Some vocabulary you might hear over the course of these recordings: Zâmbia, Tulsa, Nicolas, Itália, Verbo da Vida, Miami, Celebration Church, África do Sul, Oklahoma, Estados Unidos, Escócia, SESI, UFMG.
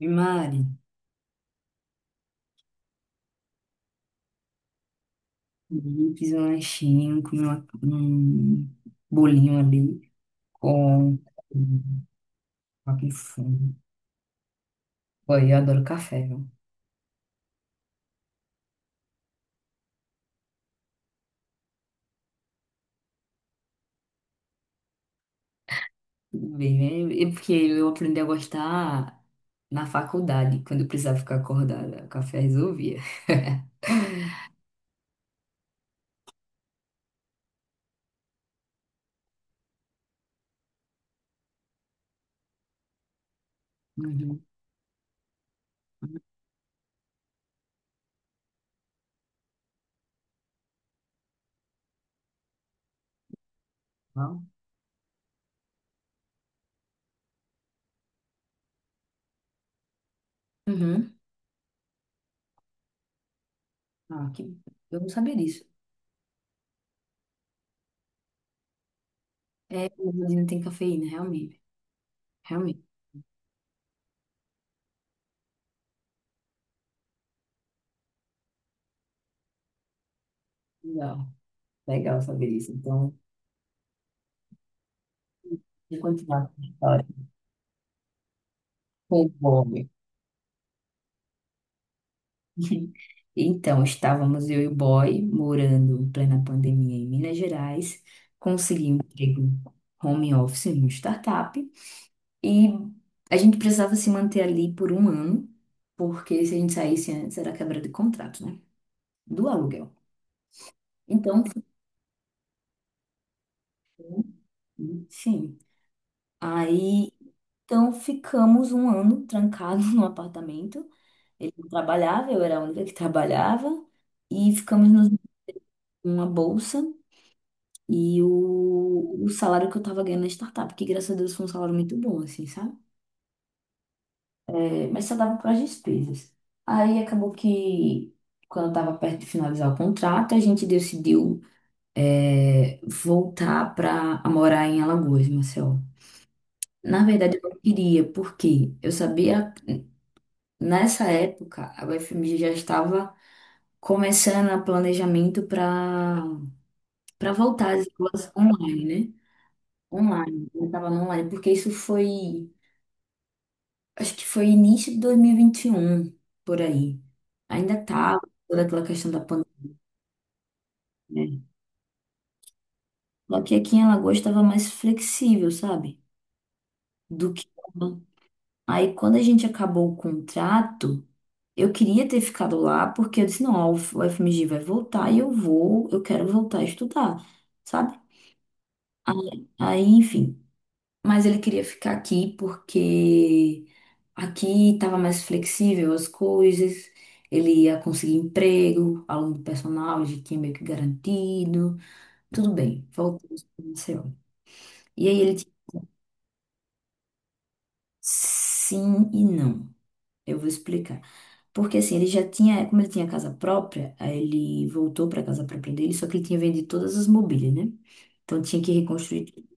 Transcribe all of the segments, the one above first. E Mari, eu fiz um lanchinho, comi um bolinho ali com aquele fundo. Pô, eu adoro café, viu? Tudo bem, né? É porque eu aprendi a gostar na faculdade, quando eu precisava ficar acordada, o café resolvia. Uhum. Bom. Uhum. Ah, que. Eu não sabia disso. É, o não tem cafeína, realmente. Realmente. Legal. Legal saber isso. Então, vou continuar com a história. Foi bom. Então, estávamos eu e o boy morando em plena pandemia em Minas Gerais. Consegui um emprego home office em uma startup e a gente precisava se manter ali por um ano, porque se a gente saísse antes era quebra de contrato, né? Do aluguel. Então, sim. Aí, então ficamos um ano trancados no apartamento. Ele não trabalhava, eu era a única que trabalhava e ficamos nos uma bolsa. E o salário que eu tava ganhando na startup, que graças a Deus foi um salário muito bom, assim, sabe? É, mas só dava para as despesas. Aí acabou que, quando eu tava perto de finalizar o contrato, a gente decidiu, voltar para morar em Alagoas, Marcelo. Na verdade, eu não queria, porque eu sabia, nessa época, a UFMG já estava começando o planejamento para voltar às aulas online, né? Online, eu estava online, porque isso foi, acho que foi início de dois mil e vinte e um por aí. Ainda tá toda aquela questão da pandemia. Só que aqui em Alagoas estava mais flexível, sabe? Do que lá. Aí quando a gente acabou o contrato, eu queria ter ficado lá porque eu disse, não, ó, o FMG vai voltar e eu quero voltar a estudar, sabe? Aí, enfim. Mas ele queria ficar aqui porque aqui estava mais flexível as coisas, ele ia conseguir emprego, aluno do personal, já tinha meio que garantido, tudo bem, voltamos para Maceió. E aí ele disse sim e não. Eu vou explicar. Porque assim, ele já tinha, como ele tinha casa própria, aí ele voltou para a casa própria dele, só que ele tinha vendido todas as mobílias, né? Então tinha que reconstruir tudo.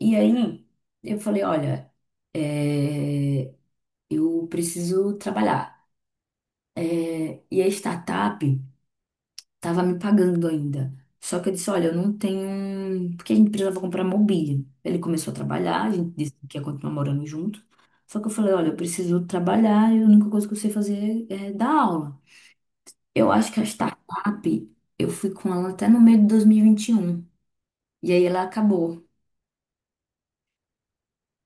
E aí eu falei, olha, eh, eu preciso trabalhar. É, e a startup estava me pagando ainda. Só que eu disse, olha, eu não tenho. Porque a gente precisava comprar mobília. Ele começou a trabalhar, a gente disse que ia continuar morando junto. Só que eu falei, olha, eu preciso trabalhar e a única coisa que eu sei fazer é dar aula. Eu acho que a startup, eu fui com ela até no meio de 2021. E vinte e um. E aí ela acabou.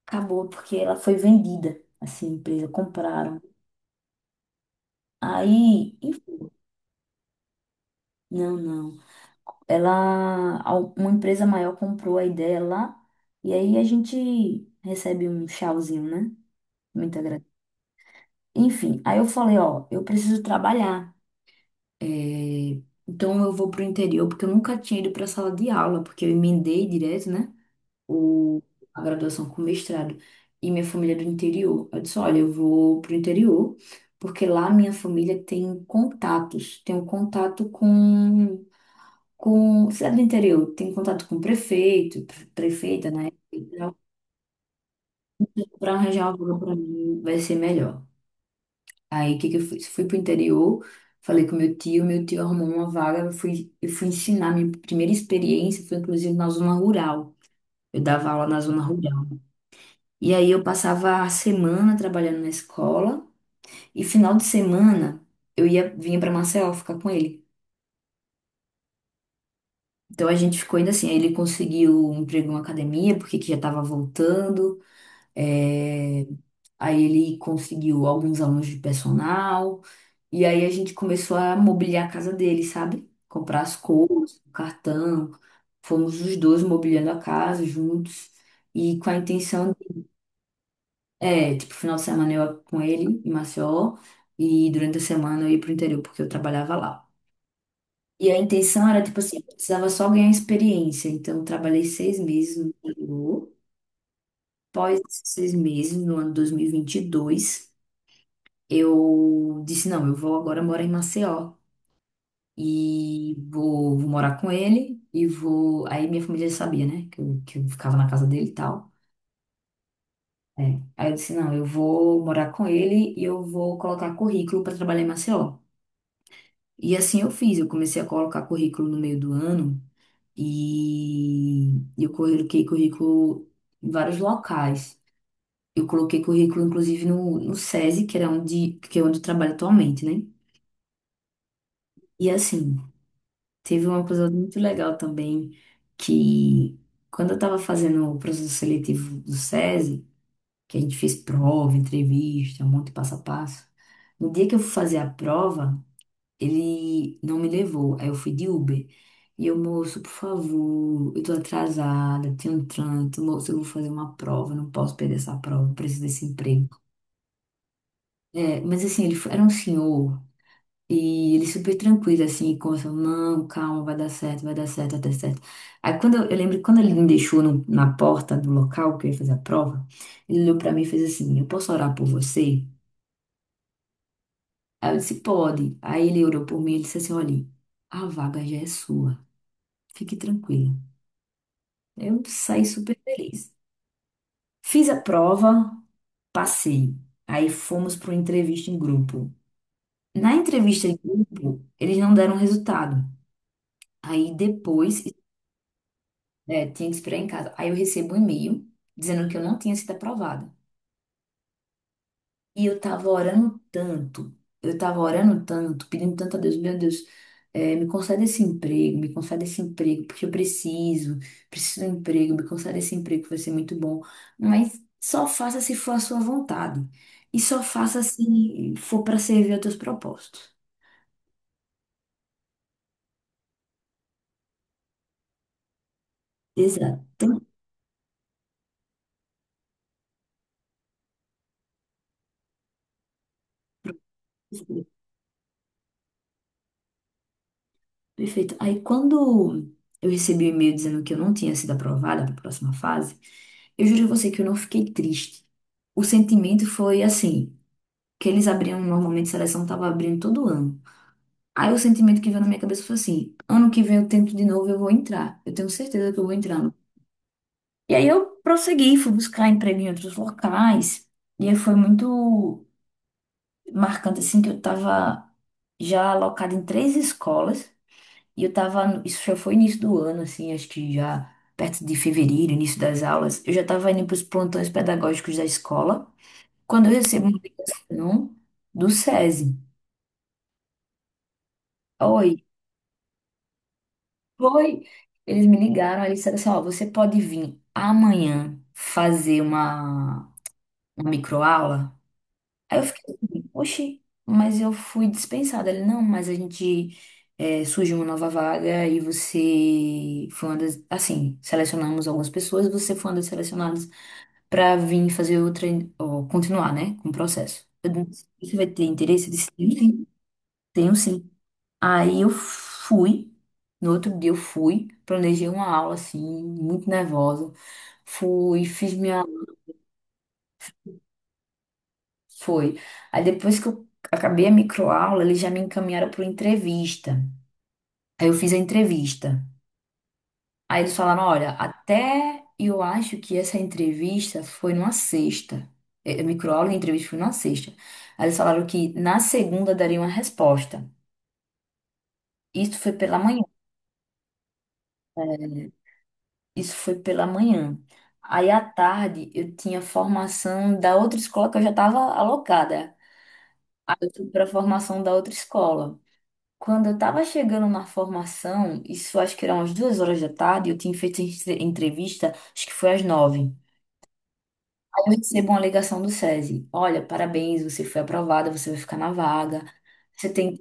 Acabou porque ela foi vendida. Assim, a empresa compraram. Aí, enfim, não, não. Ela, uma empresa maior comprou a ideia lá, e aí a gente recebe um tchauzinho, né? Muito agradecido. Enfim, aí eu falei, ó, eu preciso trabalhar. é, Então eu vou pro interior, porque eu nunca tinha ido pra sala de aula, porque eu emendei direto, né? O... A graduação com mestrado. E minha família é do interior. Eu disse, olha, eu vou pro interior, porque lá minha família tem contatos, tem um contato com cidade do interior, tem contato com o prefeito, prefeita, né? Para arranjar um valor para mim vai ser melhor. Aí o que que eu fiz? Fui pro interior, falei com meu tio arrumou uma vaga, eu fui ensinar minha primeira experiência, foi inclusive na zona rural. Eu dava aula na zona rural. E aí eu passava a semana trabalhando na escola e final de semana eu ia vinha para Maceió ficar com ele. Então a gente ficou ainda assim, aí ele conseguiu um emprego em uma academia, porque que já estava voltando. É, aí ele conseguiu alguns alunos de personal. E aí a gente começou a mobiliar a casa dele, sabe? Comprar as coisas, o cartão. Fomos os dois mobiliando a casa juntos. E com a intenção, tipo, final de semana eu ia com ele em Maceió. E durante a semana eu ia pro interior, porque eu trabalhava lá. E a intenção era, tipo assim, eu precisava só ganhar experiência. Então, eu trabalhei 6 meses no interior. Após esses 6 meses, no ano dois mil e vinte e dois eu disse, não, eu vou agora morar em Maceió. E vou morar com ele e vou. Aí minha família já sabia, né? Que eu ficava na casa dele e tal. É. Aí eu disse, não, eu vou morar com ele e eu vou colocar currículo para trabalhar em Maceió. E assim eu fiz, eu comecei a colocar currículo no meio do ano e eu coloquei currículo em vários locais. Eu coloquei currículo, inclusive, no SESI, que é onde eu trabalho atualmente, né? E assim, teve uma coisa muito legal também, que quando eu estava fazendo o processo seletivo do SESI, que a gente fez prova, entrevista, um monte de passo a passo, no dia que eu fui fazer a prova, ele não me levou, aí eu fui de Uber. E eu, moço, por favor, eu tô atrasada, tenho um trânsito, moço, eu vou fazer uma prova, não posso perder essa prova, preciso desse emprego. É, mas assim, era um senhor e ele super tranquilo, assim, com essa, não, calma, vai dar certo, vai dar certo, vai dar certo. Aí quando eu lembro que quando ele me deixou na porta do local que eu ia fazer a prova, ele olhou pra mim e fez assim, eu posso orar por você? Aí eu disse, pode. Aí ele orou por mim e disse assim, olha, a vaga já é sua, fique tranquila. Eu saí super feliz. Fiz a prova, passei. Aí fomos para uma entrevista em grupo. Na entrevista em grupo, eles não deram resultado. Aí depois. É, tinha que esperar em casa. Aí eu recebo um e-mail dizendo que eu não tinha sido aprovada. E eu tava orando tanto, eu tava orando tanto, pedindo tanto a Deus, meu Deus, me concede esse emprego, me concede esse emprego, porque eu preciso de um emprego, me concede esse emprego, que vai ser muito bom. Mas só faça se for a sua vontade. E só faça se for para servir aos teus propósitos. Exato. Então. Perfeito. Aí quando eu recebi o e-mail dizendo que eu não tinha sido aprovada para a próxima fase, eu juro a você que eu não fiquei triste. O sentimento foi assim, que eles abriam normalmente, a seleção tava abrindo todo ano. Aí o sentimento que veio na minha cabeça foi assim, ano que vem eu tento de novo, eu vou entrar. Eu tenho certeza que eu vou entrar. E aí eu prossegui, fui buscar emprego em outros locais. E aí foi muito marcante assim que eu tava já alocada em três escolas e eu tava, isso já foi início do ano assim, acho que já perto de fevereiro, início das aulas, eu já tava indo para os plantões pedagógicos da escola. Quando eu recebo uma ligação do SESI, oi, oi, eles me ligaram, aí eles disseram assim, ó, você pode vir amanhã fazer uma microaula? Aí eu fiquei assim, oxi, mas eu fui dispensada. Ele, não, mas a gente surgiu uma nova vaga e você foi uma das, assim, selecionamos algumas pessoas, você foi uma das selecionadas para vir fazer outra, ou continuar, né, com o processo. Eu disse, você vai ter interesse? Eu disse, tenho sim. Tenho sim. Aí eu fui, no outro dia eu fui, planejei uma aula assim, muito nervosa. Fui, fiz minha. Foi. Aí depois que eu acabei a microaula, eles já me encaminharam para entrevista. Aí eu fiz a entrevista. Aí eles falaram: olha, até eu acho que essa entrevista foi numa sexta. Microaula e entrevista foi numa sexta. Aí eles falaram que na segunda daria uma resposta. Isso foi pela manhã. Isso foi pela manhã. Aí à tarde eu tinha formação da outra escola que eu já estava alocada. Aí eu fui para a formação da outra escola. Quando eu estava chegando na formação, isso acho que eram umas 2 horas da tarde, eu tinha feito entrevista, acho que foi às 9h. Aí eu recebo uma ligação do SESI. Olha, parabéns, você foi aprovada, você vai ficar na vaga. Você tem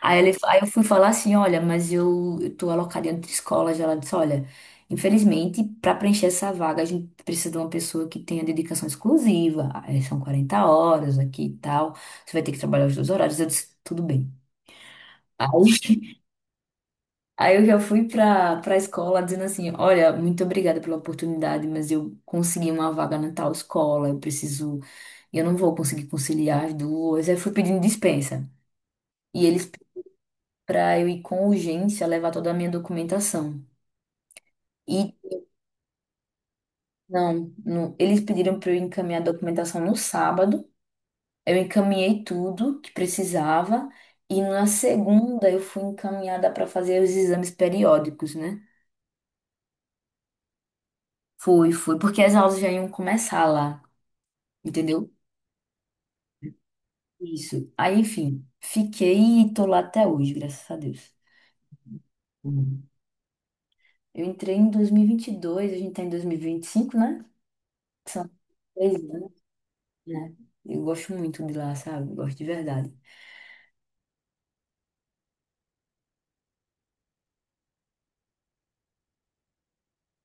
Aí, aí eu fui falar assim, olha, mas eu tô alocada em outra escola já. Ela disse, olha, infelizmente, para preencher essa vaga, a gente precisa de uma pessoa que tenha dedicação exclusiva. Aí são 40 horas aqui e tal. Você vai ter que trabalhar os dois horários. Eu disse, tudo bem. Aí, aí eu já fui pra escola dizendo assim, olha, muito obrigada pela oportunidade, mas eu consegui uma vaga na tal escola, eu preciso, eu não vou conseguir conciliar as duas. Aí fui pedindo dispensa. E eles para eu ir com urgência levar toda a minha documentação. E não, não, eles pediram para eu encaminhar a documentação no sábado. Eu encaminhei tudo que precisava e na segunda eu fui encaminhada para fazer os exames periódicos, né? Fui, fui, porque as aulas já iam começar lá, entendeu? Isso. Aí, enfim, fiquei e tô lá até hoje, graças a Deus. Uhum. Eu entrei em 2022, a gente tá em 2025, né? São três, né? Eu gosto muito de lá, sabe? Gosto de verdade.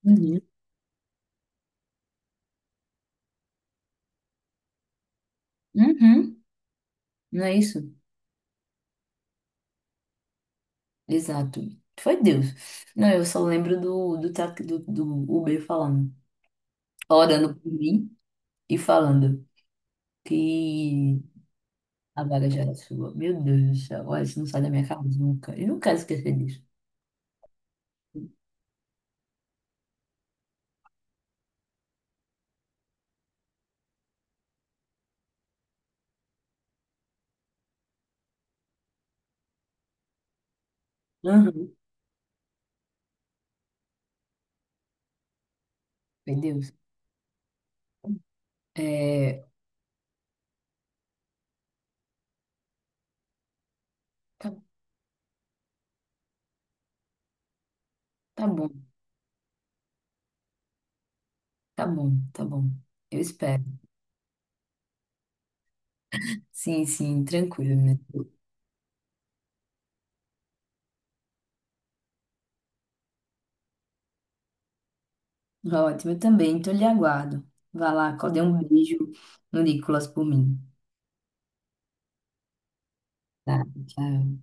Uhum. Uhum, não é isso? Exato. Foi Deus. Não, eu só lembro do Uber falando, orando por mim e falando que a vaga já era sua. Meu Deus do céu, olha, isso não sai da minha cabeça nunca. Eu não quero esquecer disso. Uhum. Foi Deus. É, tá, tá bom. Tá bom, tá bom. Eu espero. Sim, sim, tranquilo, né? Tá, ótimo, eu também. Então, lhe aguardo. Vá lá, dê um beijo no Nicolas por mim. Tá, tchau.